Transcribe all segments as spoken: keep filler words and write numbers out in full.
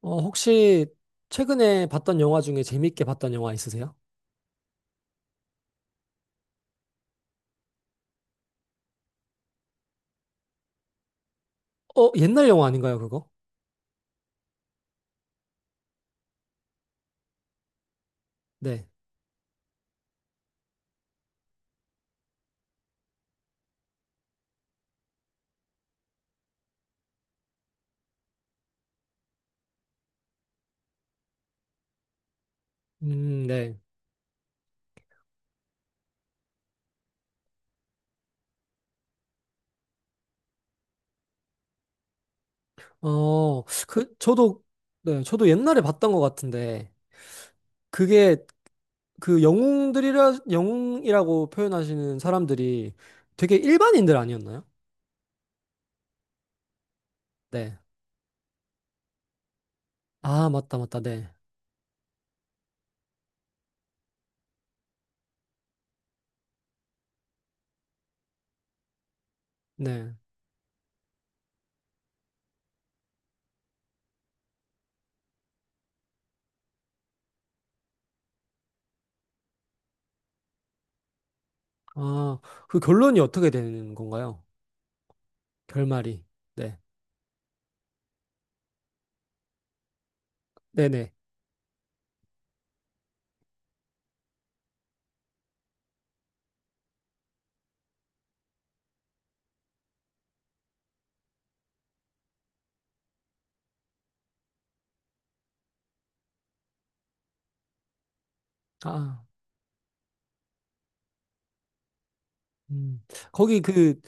어, 혹시 최근에 봤던 영화 중에 재밌게 봤던 영화 있으세요? 어, 옛날 영화 아닌가요, 그거? 네. 음, 네. 어, 그, 저도, 네, 저도 옛날에 봤던 것 같은데, 그게 그 영웅들이라, 영웅이라고 표현하시는 사람들이 되게 일반인들 아니었나요? 네. 아, 맞다, 맞다, 네. 네. 아, 그 결론이 어떻게 되는 건가요? 결말이. 네. 네네. 아. 음. 거기 그,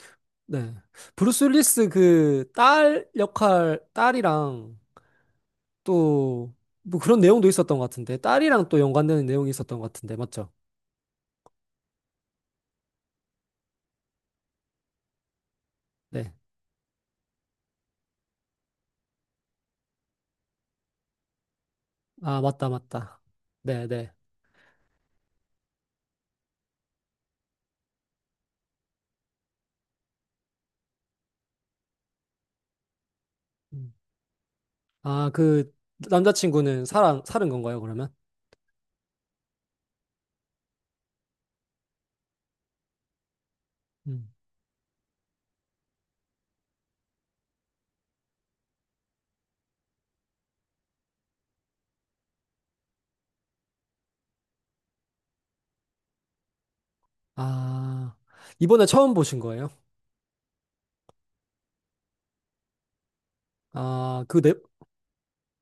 네. 브루스 윌리스 그 딸 역할, 딸이랑 또 뭐 그런 내용도 있었던 것 같은데. 딸이랑 또 연관되는 내용이 있었던 것 같은데. 맞죠? 네. 아, 맞다, 맞다. 네, 네. 음. 아, 그 남자친구는 사랑, 사는 건가요, 그러면? 음. 아, 이번에 처음 보신 거예요? 아, 그 넷,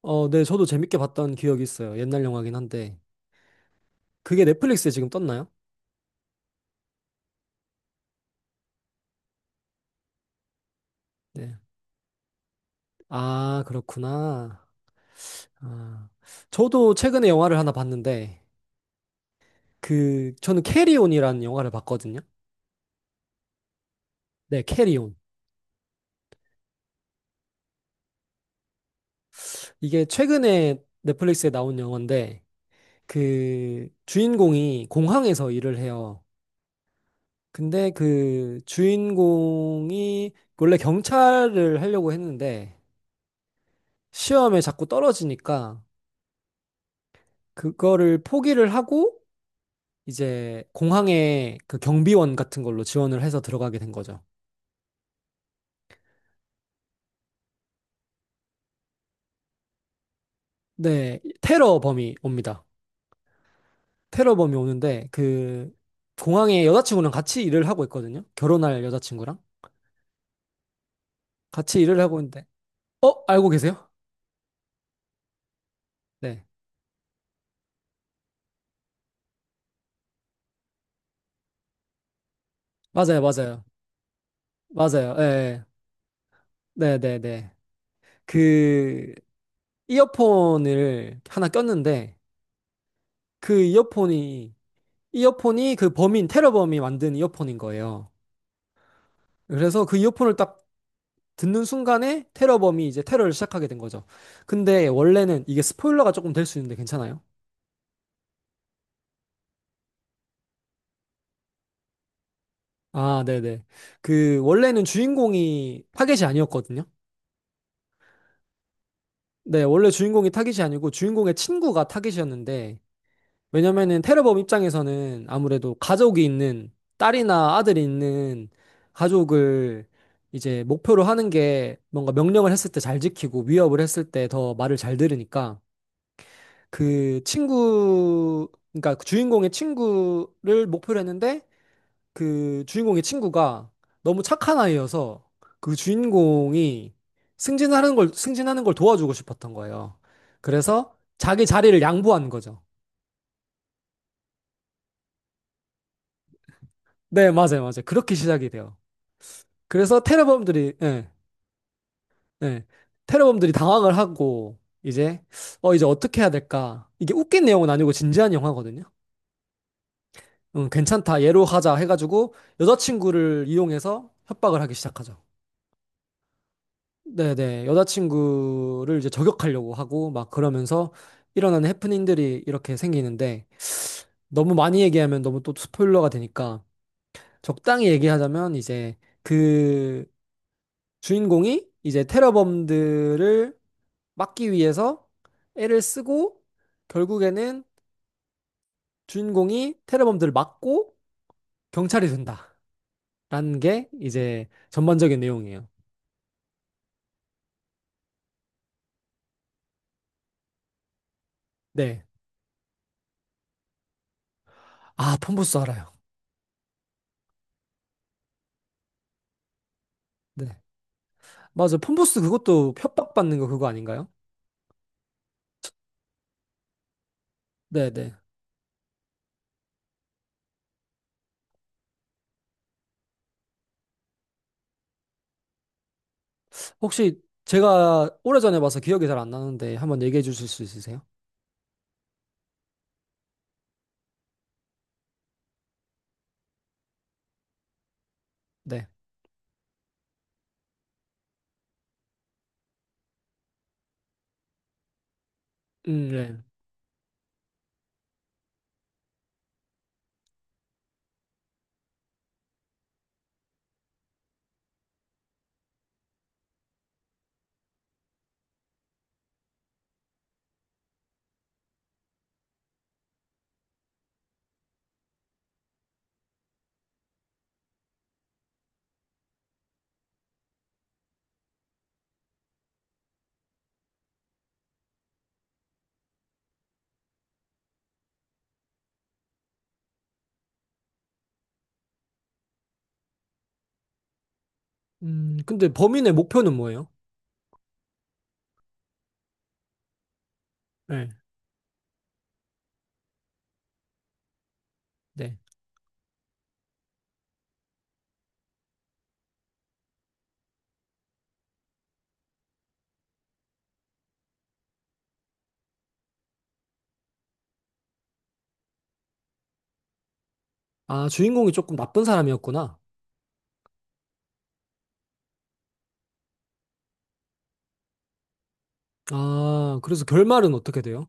어, 네, 저도 재밌게 봤던 기억이 있어요. 옛날 영화긴 한데. 그게 넷플릭스에 지금 떴나요? 네. 아, 그렇구나. 아, 저도 최근에 영화를 하나 봤는데, 그, 저는 캐리온이라는 영화를 봤거든요. 네, 캐리온. 이게 최근에 넷플릭스에 나온 영화인데, 그, 주인공이 공항에서 일을 해요. 근데 그 주인공이 원래 경찰을 하려고 했는데, 시험에 자꾸 떨어지니까, 그거를 포기를 하고, 이제 공항에 그 경비원 같은 걸로 지원을 해서 들어가게 된 거죠. 네, 테러 범이 옵니다. 테러범이 오는데 그 공항에 여자친구랑 같이 일을 하고 있거든요. 결혼할 여자친구랑 같이 일을 하고 있는데 어? 알고 계세요? 네. 맞아요. 맞아요. 맞아요. 예. 예. 네, 네, 네. 그 이어폰을 하나 꼈는데 그 이어폰이 이어폰이 그 범인 테러범이 만든 이어폰인 거예요. 그래서 그 이어폰을 딱 듣는 순간에 테러범이 이제 테러를 시작하게 된 거죠. 근데 원래는 이게 스포일러가 조금 될 수 있는데 괜찮아요? 아, 네네. 그, 원래는 주인공이 타겟이 아니었거든요. 네, 원래 주인공이 타겟이 아니고 주인공의 친구가 타겟이었는데, 왜냐면은 테러범 입장에서는 아무래도 가족이 있는, 딸이나 아들이 있는 가족을 이제 목표로 하는 게 뭔가 명령을 했을 때 잘 지키고 위협을 했을 때 더 말을 잘 들으니까 그 친구, 그러니까 그 주인공의 친구를 목표로 했는데, 그 주인공의 친구가 너무 착한 아이여서 그 주인공이 승진하는 걸, 승진하는 걸 도와주고 싶었던 거예요. 그래서 자기 자리를 양보한 거죠. 네, 맞아요, 맞아요. 그렇게 시작이 돼요. 그래서 테러범들이, 예, 예, 테러범들이 당황을 하고, 이제, 어, 이제 어떻게 해야 될까. 이게 웃긴 내용은 아니고 진지한 영화거든요. 음, 괜찮다. 얘로 하자 해가지고 여자친구를 이용해서 협박을 하기 시작하죠. 네네. 여자친구를 이제 저격하려고 하고 막 그러면서 일어나는 해프닝들이 이렇게 생기는데 너무 많이 얘기하면 너무 또 스포일러가 되니까 적당히 얘기하자면 이제 그 주인공이 이제 테러범들을 막기 위해서 애를 쓰고 결국에는 주인공이 테러범들을 막고 경찰이 된다라는 게 이제 전반적인 내용이에요. 네. 아, 폰부스 알아요. 네. 맞아. 폰부스 그것도 협박받는 거 그거 아닌가요? 네네. 혹시 제가 오래전에 봐서 기억이 잘 안 나는데 한번 얘기해 주실 수 있으세요? 네. 음, 네. 음, 근데 범인의 목표는 뭐예요? 네. 네. 아, 주인공이 조금 나쁜 사람이었구나. 아, 그래서 결말은 어떻게 돼요?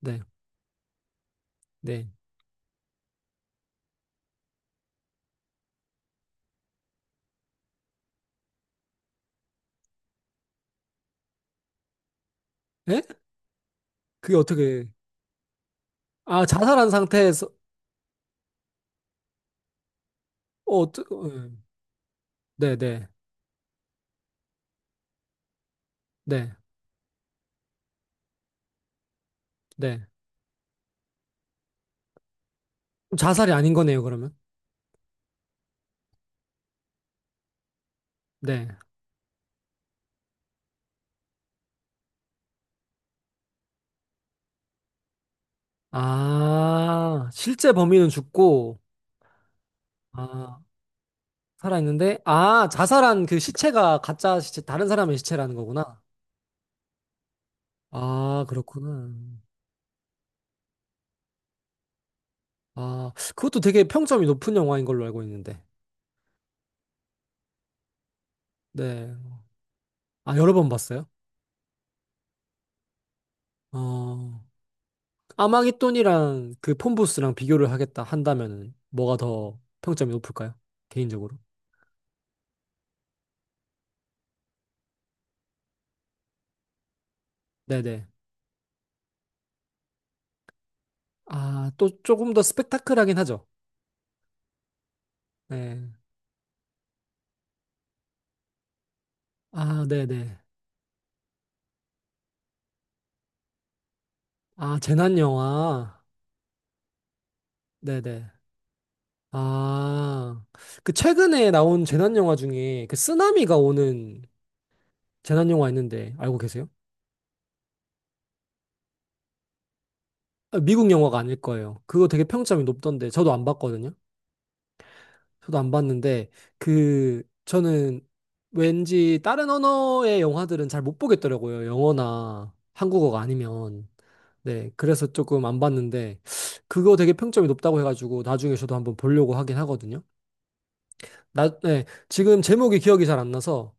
네. 네. 에? 그게 어떻게, 아, 자살한 상태에서, 어, 어떠- 어, 예. 네, 네. 네. 네. 그럼 자살이 아닌 거네요, 그러면? 네. 아, 실제 범인은 죽고, 아, 살아있는데, 아, 자살한 그 시체가 가짜 시체, 다른 사람의 시체라는 거구나. 아, 그렇구나. 아, 그것도 되게 평점이 높은 영화인 걸로 알고 있는데. 네. 아, 여러 번 봤어요? 어, 아마겟돈이랑 그 폰부스랑 비교를 하겠다 한다면은 뭐가 더 평점이 높을까요? 개인적으로. 네네. 아, 또 조금 더 스펙타클하긴 하죠. 네. 아, 네네. 아, 재난 영화. 네네. 아, 그 최근에 나온 재난 영화 중에 그 쓰나미가 오는 재난 영화 있는데 알고 계세요? 아, 미국 영화가 아닐 거예요. 그거 되게 평점이 높던데 저도 안 봤거든요. 저도 안 봤는데 그 저는 왠지 다른 언어의 영화들은 잘 못 보겠더라고요. 영어나 한국어가 아니면. 네, 그래서 조금 안 봤는데 그거 되게 평점이 높다고 해가지고 나중에 저도 한번 보려고 하긴 하거든요. 나, 네, 지금 제목이 기억이 잘 안 나서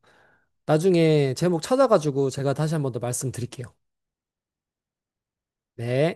나중에 제목 찾아가지고 제가 다시 한 번 더 말씀드릴게요. 네.